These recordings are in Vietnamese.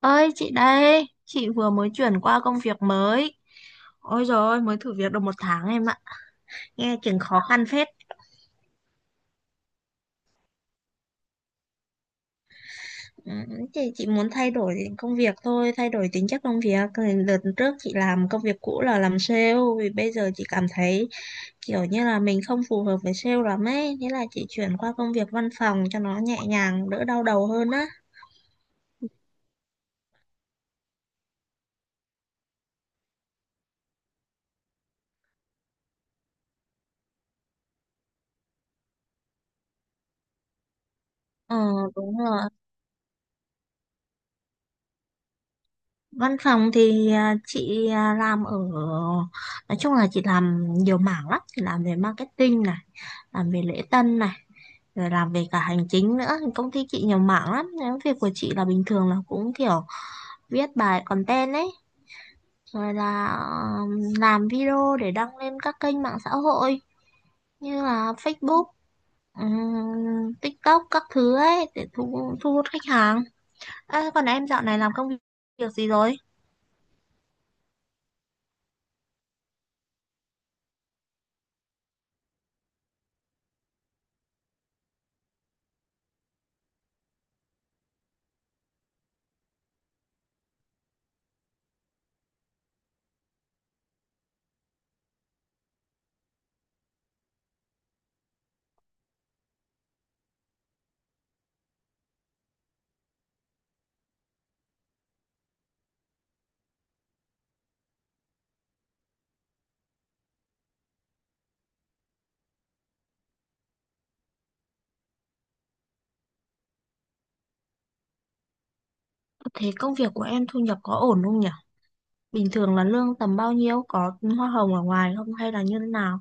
Ơi chị đây, chị vừa mới chuyển qua công việc mới. Ôi dồi ôi, mới thử việc được một tháng em ạ. Nghe chừng khó khăn phết. Ừ. Chị muốn thay đổi công việc thôi, thay đổi tính chất công việc. Cái đợt trước chị làm công việc cũ là làm sale, vì bây giờ chị cảm thấy kiểu như là mình không phù hợp với sale lắm ấy. Thế là chị chuyển qua công việc văn phòng cho nó nhẹ nhàng, đỡ đau đầu hơn á. Ờ, đúng rồi. Văn phòng thì chị làm ở, nói chung là chị làm nhiều mảng lắm, chị làm về marketing này, làm về lễ tân này, rồi làm về cả hành chính nữa. Công ty chị nhiều mảng lắm. Nếu việc của chị là bình thường là cũng kiểu viết bài content ấy, rồi là làm video để đăng lên các kênh mạng xã hội như là Facebook, TikTok các thứ ấy để thu thu hút khách hàng. À, còn em dạo này làm công việc gì rồi? Thế công việc của em thu nhập có ổn không nhỉ? Bình thường là lương tầm bao nhiêu? Có hoa hồng ở ngoài không hay là như thế nào?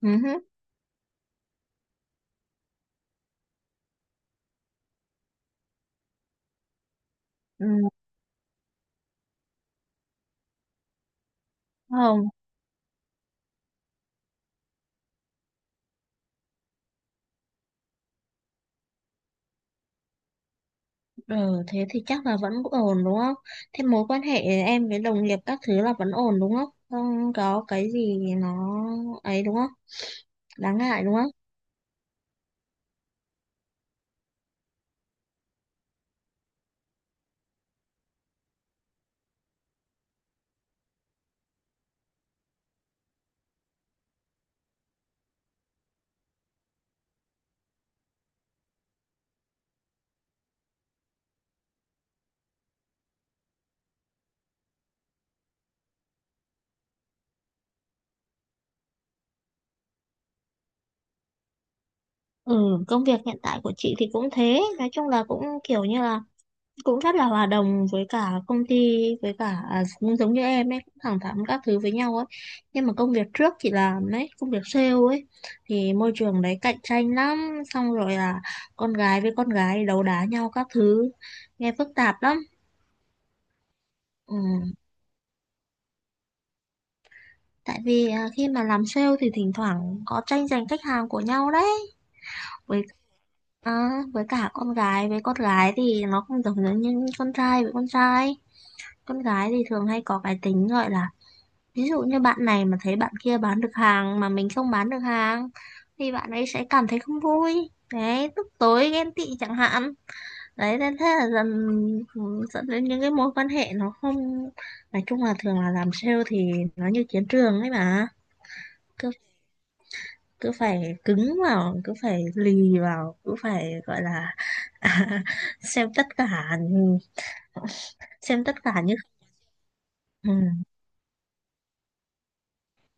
Ừ, hứ. Ừ, hoa hồng. Ừ, thế thì chắc là vẫn ổn đúng không? Thế mối quan hệ em với đồng nghiệp các thứ là vẫn ổn đúng không? Không có cái gì nó ấy đúng không? Đáng ngại đúng không? Ừ, công việc hiện tại của chị thì cũng thế. Nói chung là cũng kiểu như là cũng rất là hòa đồng với cả công ty, với cả cũng giống như em ấy, cũng thẳng thắn các thứ với nhau ấy. Nhưng mà công việc trước chị làm ấy, công việc sale ấy, thì môi trường đấy cạnh tranh lắm, xong rồi là con gái với con gái đấu đá nhau các thứ, nghe phức tạp lắm. Ừ, tại vì khi mà làm sale thì thỉnh thoảng có tranh giành khách hàng của nhau đấy. Với với cả con gái với con gái thì nó không giống giống như con trai với con trai. Con gái thì thường hay có cái tính gọi là, ví dụ như bạn này mà thấy bạn kia bán được hàng mà mình không bán được hàng thì bạn ấy sẽ cảm thấy không vui. Đấy, tức tối ghen tị chẳng hạn. Đấy, nên thế là dần, ừ, dẫn đến những cái mối quan hệ nó không, nói chung là thường là làm sale thì nó như chiến trường ấy mà. Cứ cứ phải cứng vào, cứ phải lì vào, cứ phải gọi là xem tất cả, xem tất cả như, ừ,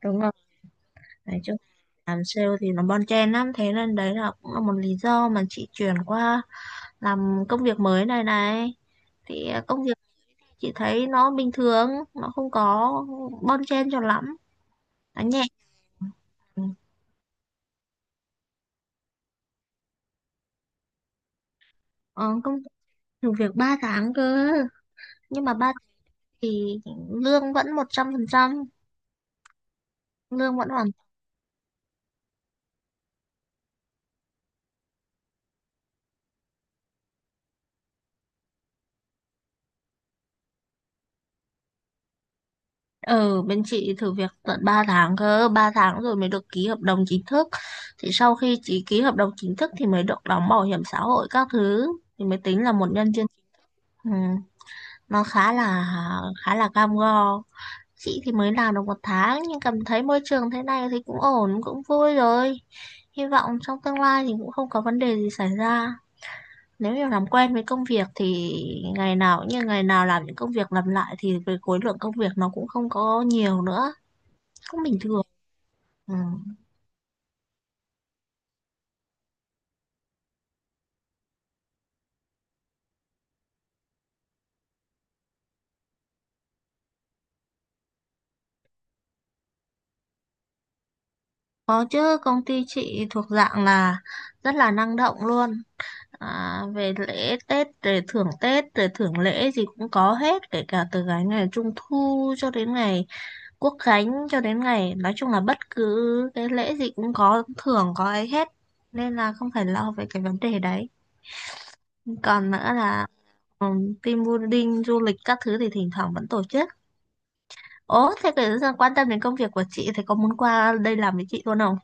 đúng không, nói chung làm sale thì nó bon chen lắm, thế nên đấy là cũng là một lý do mà chị chuyển qua làm công việc mới này này. Thì công việc chị thấy nó bình thường, nó không có bon chen cho lắm, nó nhẹ. Ừ. Ờ, thử việc 3 tháng cơ, nhưng mà ba thì lương vẫn 100%, lương vẫn hoàn. Ừ, bên chị thử việc tận 3 tháng cơ, 3 tháng rồi mới được ký hợp đồng chính thức. Thì sau khi chị ký hợp đồng chính thức thì mới được đóng bảo hiểm xã hội các thứ, thì mới tính là một nhân viên. Ừ, nó khá là, khá là cam go. Chị thì mới làm được một tháng nhưng cảm thấy môi trường thế này thì cũng ổn, cũng vui rồi. Hy vọng trong tương lai thì cũng không có vấn đề gì xảy ra. Nếu như làm quen với công việc thì ngày nào cũng như ngày nào, làm những công việc lặp lại thì về khối lượng công việc nó cũng không có nhiều nữa, cũng bình thường. Ừ. Có chứ, công ty chị thuộc dạng là rất là năng động luôn. À, về lễ Tết, về thưởng Tết, về thưởng lễ gì cũng có hết, kể cả từ cái ngày Trung thu cho đến ngày Quốc khánh, cho đến ngày, nói chung là bất cứ cái lễ gì cũng có thưởng, có ấy hết, nên là không phải lo về cái vấn đề đấy. Còn nữa là, ừ, team building du lịch các thứ thì thỉnh thoảng vẫn tổ chức. Ố thế, cái quan tâm đến công việc của chị thì có muốn qua đây làm với chị luôn không?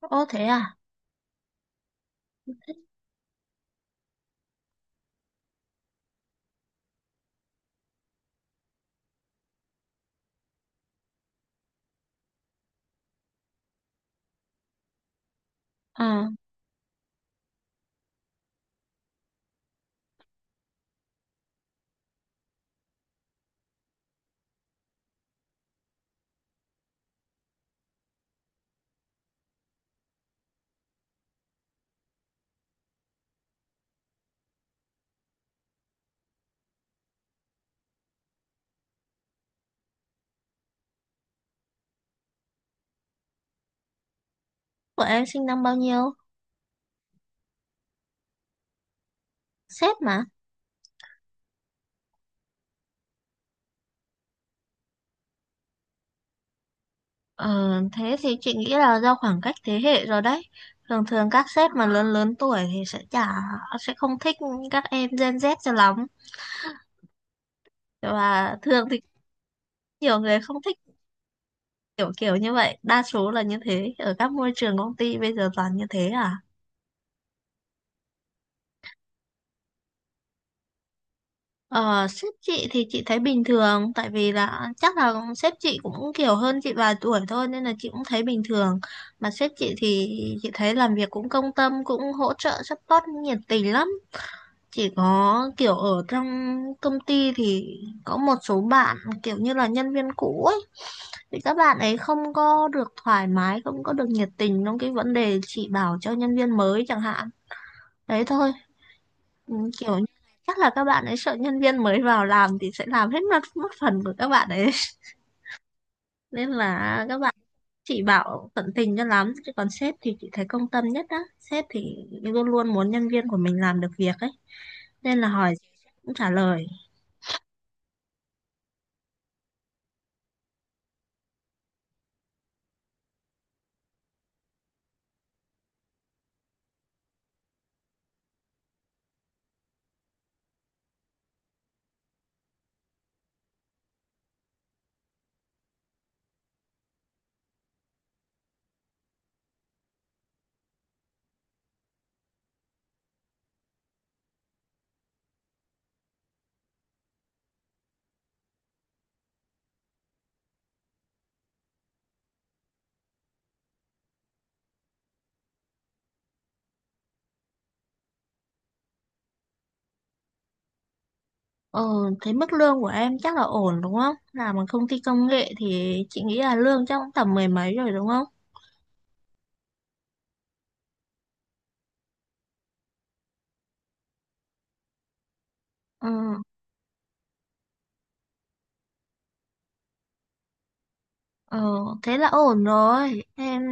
Ố thế à? Ừ, của em sinh năm bao nhiêu? Sếp mà. Ờ, thế thì chị nghĩ là do khoảng cách thế hệ rồi đấy. Thường thường các sếp mà lớn lớn tuổi thì sẽ chả, sẽ không thích các em Gen Z cho lắm. Và thường thì nhiều người không thích kiểu kiểu như vậy. Đa số là như thế. Ở các môi trường công ty bây giờ toàn như thế à? Ờ, sếp chị thì chị thấy bình thường, tại vì là chắc là sếp chị cũng kiểu hơn chị vài tuổi thôi nên là chị cũng thấy bình thường. Mà sếp chị thì chị thấy làm việc cũng công tâm, cũng hỗ trợ support nhiệt tình lắm. Chỉ có kiểu ở trong công ty thì có một số bạn kiểu như là nhân viên cũ ấy, thì các bạn ấy không có được thoải mái, không có được nhiệt tình trong cái vấn đề chị bảo cho nhân viên mới chẳng hạn, đấy thôi. Ừ, kiểu như, chắc là các bạn ấy sợ nhân viên mới vào làm thì sẽ làm hết, mất mất phần của các bạn ấy nên là các bạn chỉ bảo tận tình cho lắm. Chứ còn sếp thì chị thấy công tâm nhất á, sếp thì luôn luôn muốn nhân viên của mình làm được việc ấy, nên là hỏi gì sếp cũng trả lời. Ờ, thế mức lương của em chắc là ổn đúng không? Làm ở công ty công nghệ thì chị nghĩ là lương chắc cũng tầm mười mấy rồi đúng không? Ừ. Ờ, thế là ổn rồi em,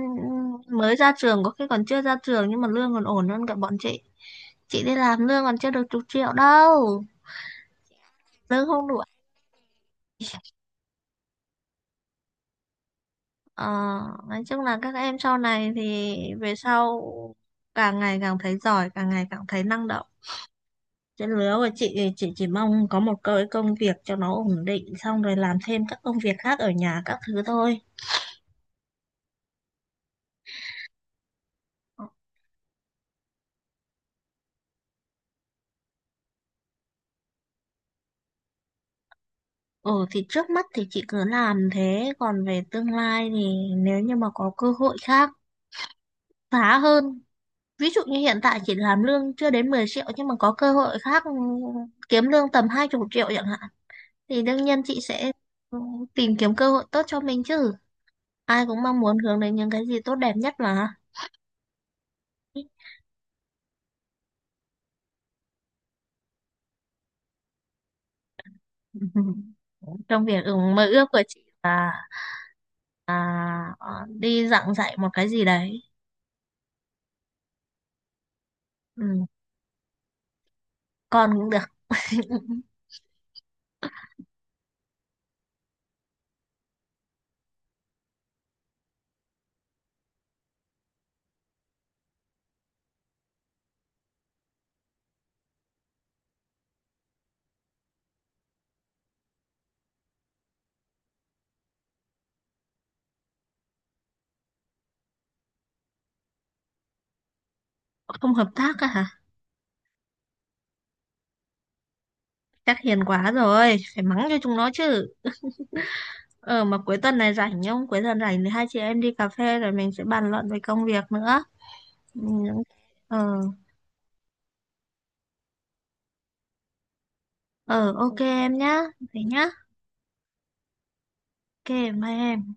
mới ra trường, có khi còn chưa ra trường nhưng mà lương còn ổn hơn cả bọn chị. Chị đi làm lương còn chưa được chục triệu đâu, lương không đủ. Ờ, nói chung là các em sau này thì về sau càng ngày càng thấy giỏi, càng ngày càng thấy năng động. Trên lứa của chị thì chị chỉ mong có một cái công việc cho nó ổn định, xong rồi làm thêm các công việc khác ở nhà các thứ thôi. Ừ, thì trước mắt thì chị cứ làm thế, còn về tương lai thì nếu như mà có cơ hội khác khá hơn, ví dụ như hiện tại chị làm lương chưa đến 10 triệu nhưng mà có cơ hội khác, kiếm lương tầm 20 triệu chẳng hạn, thì đương nhiên chị sẽ, ừ, tìm kiếm cơ hội tốt cho mình chứ. Ai cũng mong muốn hướng đến những cái gì tốt đẹp nhất mà. Trong việc, mơ ước của chị là à, đi giảng dạy một cái gì đấy. Ừ, con cũng được. Không hợp tác à hả? Chắc hiền quá rồi, phải mắng cho chúng nó chứ. Ờ, mà cuối tuần này rảnh không? Cuối tuần rảnh thì hai chị em đi cà phê rồi mình sẽ bàn luận về công việc nữa. Ừ, những, ờ, ờ ok em nhá. Thế nhá. Ok, bye em.